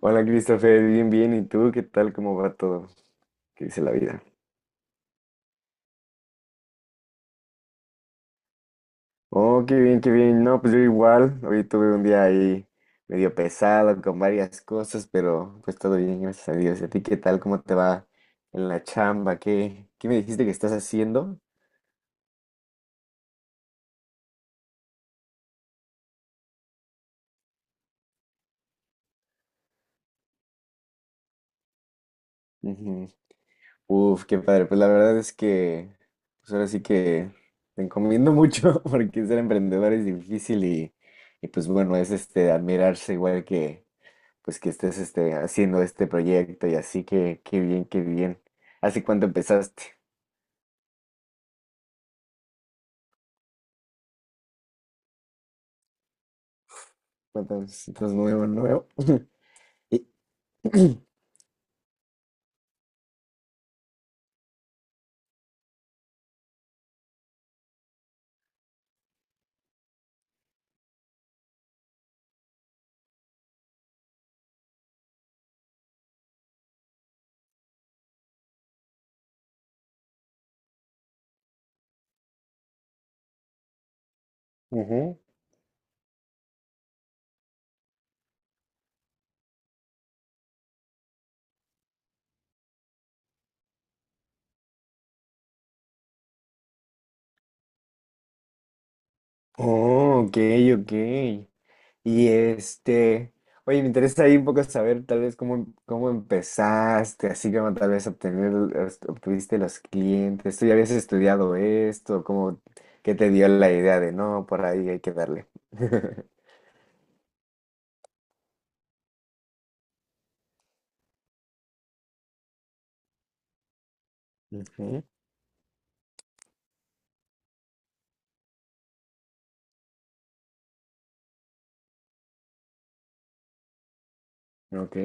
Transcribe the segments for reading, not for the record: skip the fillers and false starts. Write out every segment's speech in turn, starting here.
Hola Christopher, bien, bien. ¿Y tú qué tal? ¿Cómo va todo? ¿Qué dice la vida? Oh, qué bien, qué bien. No, pues yo igual. Hoy tuve un día ahí medio pesado con varias cosas, pero pues todo bien, gracias a Dios. ¿Y a ti qué tal? ¿Cómo te va en la chamba? ¿Qué me dijiste que estás haciendo? Ujú. Uf, qué padre. Pues la verdad es que pues ahora sí que te encomiendo mucho porque ser emprendedor es difícil y pues bueno, es admirarse igual que pues que estés haciendo este proyecto y así que qué bien, qué bien. ¿Hace cuánto empezaste? ¿ estás nuevo, nuevo? Y- Ujú. Oh, ok, ok. Y este, oye, me interesa ahí un poco saber tal vez cómo, cómo empezaste, así como tal vez obtener, obtuviste los clientes, tú ya habías estudiado esto, cómo, qué te dio la idea de no, por ahí hay que darle. Ujú. Ok.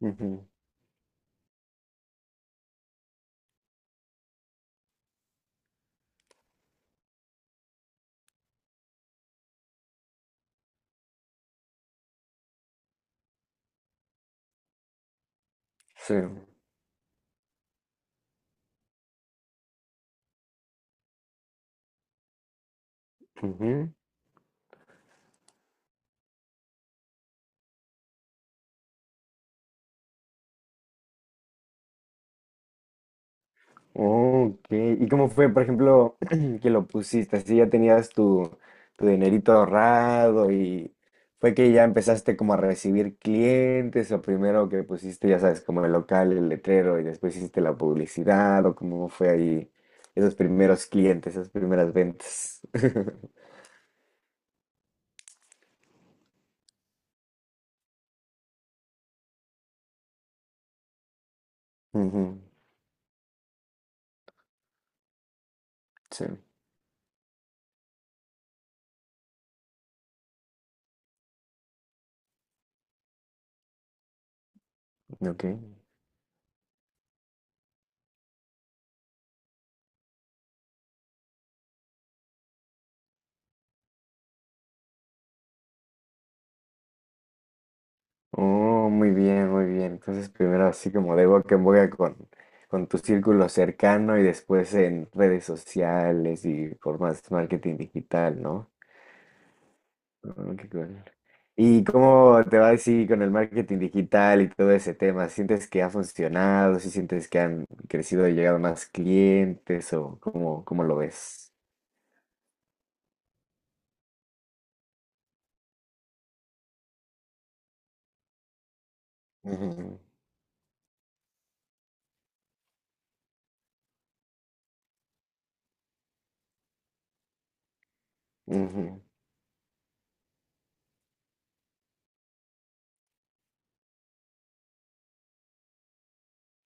Ujú. Sí. Ujú. Ok, ¿y cómo fue, por ejemplo, que lo pusiste? Así ya tenías tu, tu dinerito ahorrado y fue que ya empezaste como a recibir clientes o primero que pusiste, ya sabes, como el local, el letrero y después hiciste la publicidad o cómo fue ahí esos primeros clientes, esas primeras ventas. Ujú. Sí, ok. Oh, muy bien, muy bien. Entonces, primero así como de boca en boca con tu círculo cercano y después en redes sociales y formas de marketing digital, ¿no? Oh, qué cool. ¿Y cómo te va así con el marketing digital y todo ese tema? ¿Sientes que ha funcionado? ¿Si sientes que han crecido y llegado más clientes? ¿O cómo, cómo lo ves? Ujú, ujú.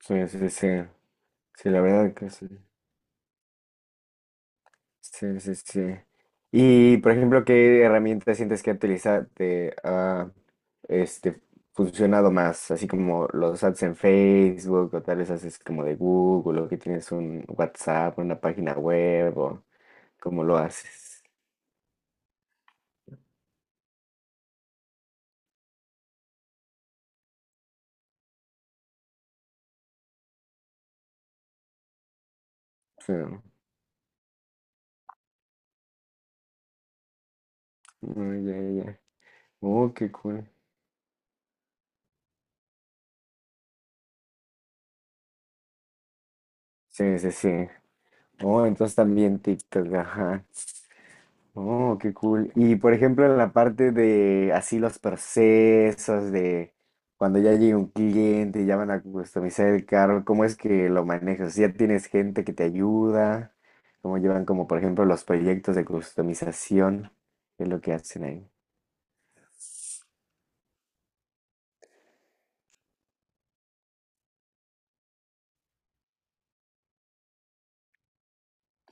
Sí, sí, sí. Sí, la verdad que sí. Sí, sí, sí. Y, por ejemplo, ¿qué herramienta sientes que utiliza te ha este, funcionado más? Así como los ads en Facebook o tal vez haces como de Google o que tienes un WhatsApp, una página web o cómo lo haces. Sí. Oh, ya, ya, ya. Oh, qué cool. Sí, sí, sí. Oh, entonces también TikTok, ajá. Oh, qué cool. Y por ejemplo, en la parte de así los procesos de cuando ya llega un cliente y ya van a customizar el carro, ¿cómo es que lo manejas? ¿Ya tienes gente que te ayuda? ¿Cómo llevan como por ejemplo los proyectos de customización? ¿Qué es lo que hacen ahí?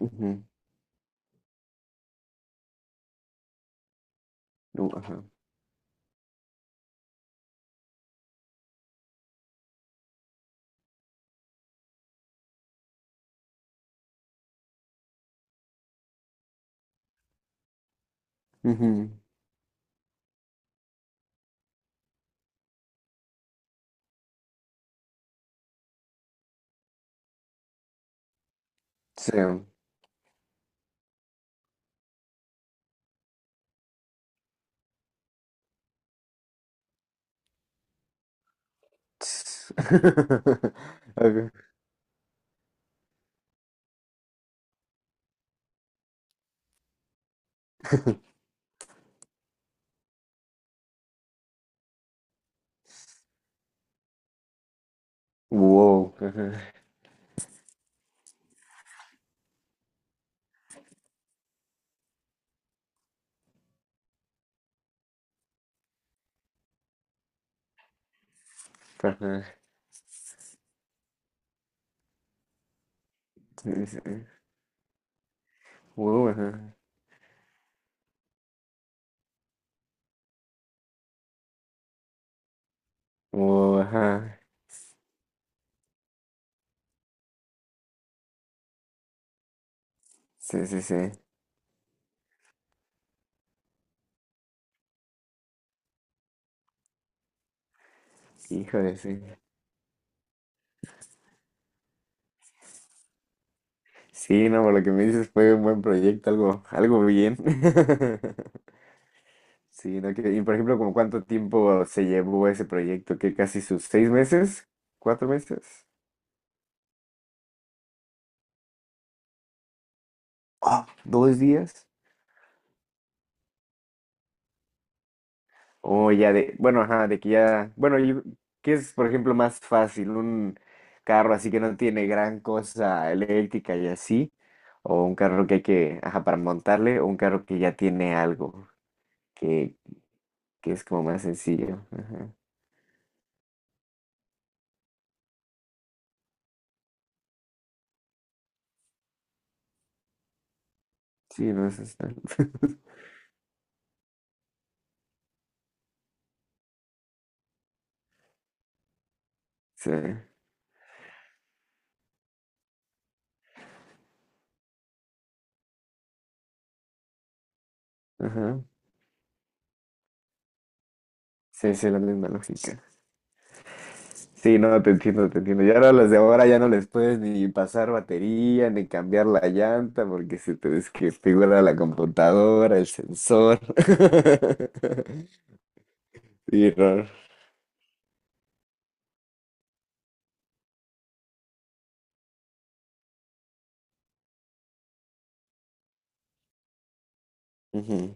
Ujú. Ajá. Ujú. Sí. Ts- Ajá. Wow. Ajá. Ajá. Sí, sí, sí. Wow, ajá. Wow, ajá. Sí, sí, sí. Híjole, sí. Sí, no, por lo que me dices fue un buen proyecto, algo, algo bien. Sí, no, y por ejemplo, ¿como cuánto tiempo se llevó ese proyecto? ¿Que casi sus seis meses? ¿Cuatro meses? Ah, ¿dos días? O ya de, bueno, ajá, de que ya, bueno, ¿qué es, por ejemplo, más fácil? ¿Un carro así que no tiene gran cosa eléctrica y así? ¿O un carro que hay que, ajá, para montarle? ¿O un carro que ya tiene algo? Que es como más sencillo. Ajá. Sí, no es hasta- Sí, ajá. Sí, sí, la misma lógica. Sí, no, te entiendo, te entiendo. Ya ahora las de ahora ya no les puedes ni pasar batería, ni cambiar la llanta, porque se te desconfigura la computadora, el sensor. Sí, raro. Ujú.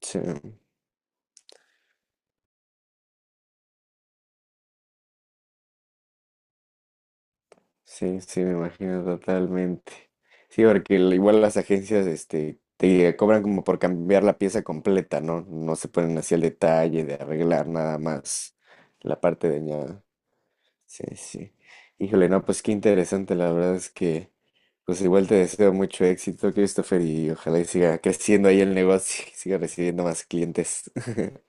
Sí. Sí, sí, me imagino totalmente. Sí, porque igual las agencias, este, te cobran como por cambiar la pieza completa, ¿no? No se ponen así al detalle de arreglar nada más la parte dañada. Sí, sí. Híjole, no, pues qué interesante, la verdad es que, pues igual te deseo mucho éxito, Christopher, y ojalá y siga creciendo ahí el negocio, y siga recibiendo más clientes.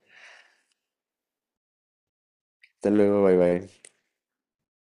Hasta luego, bye bye.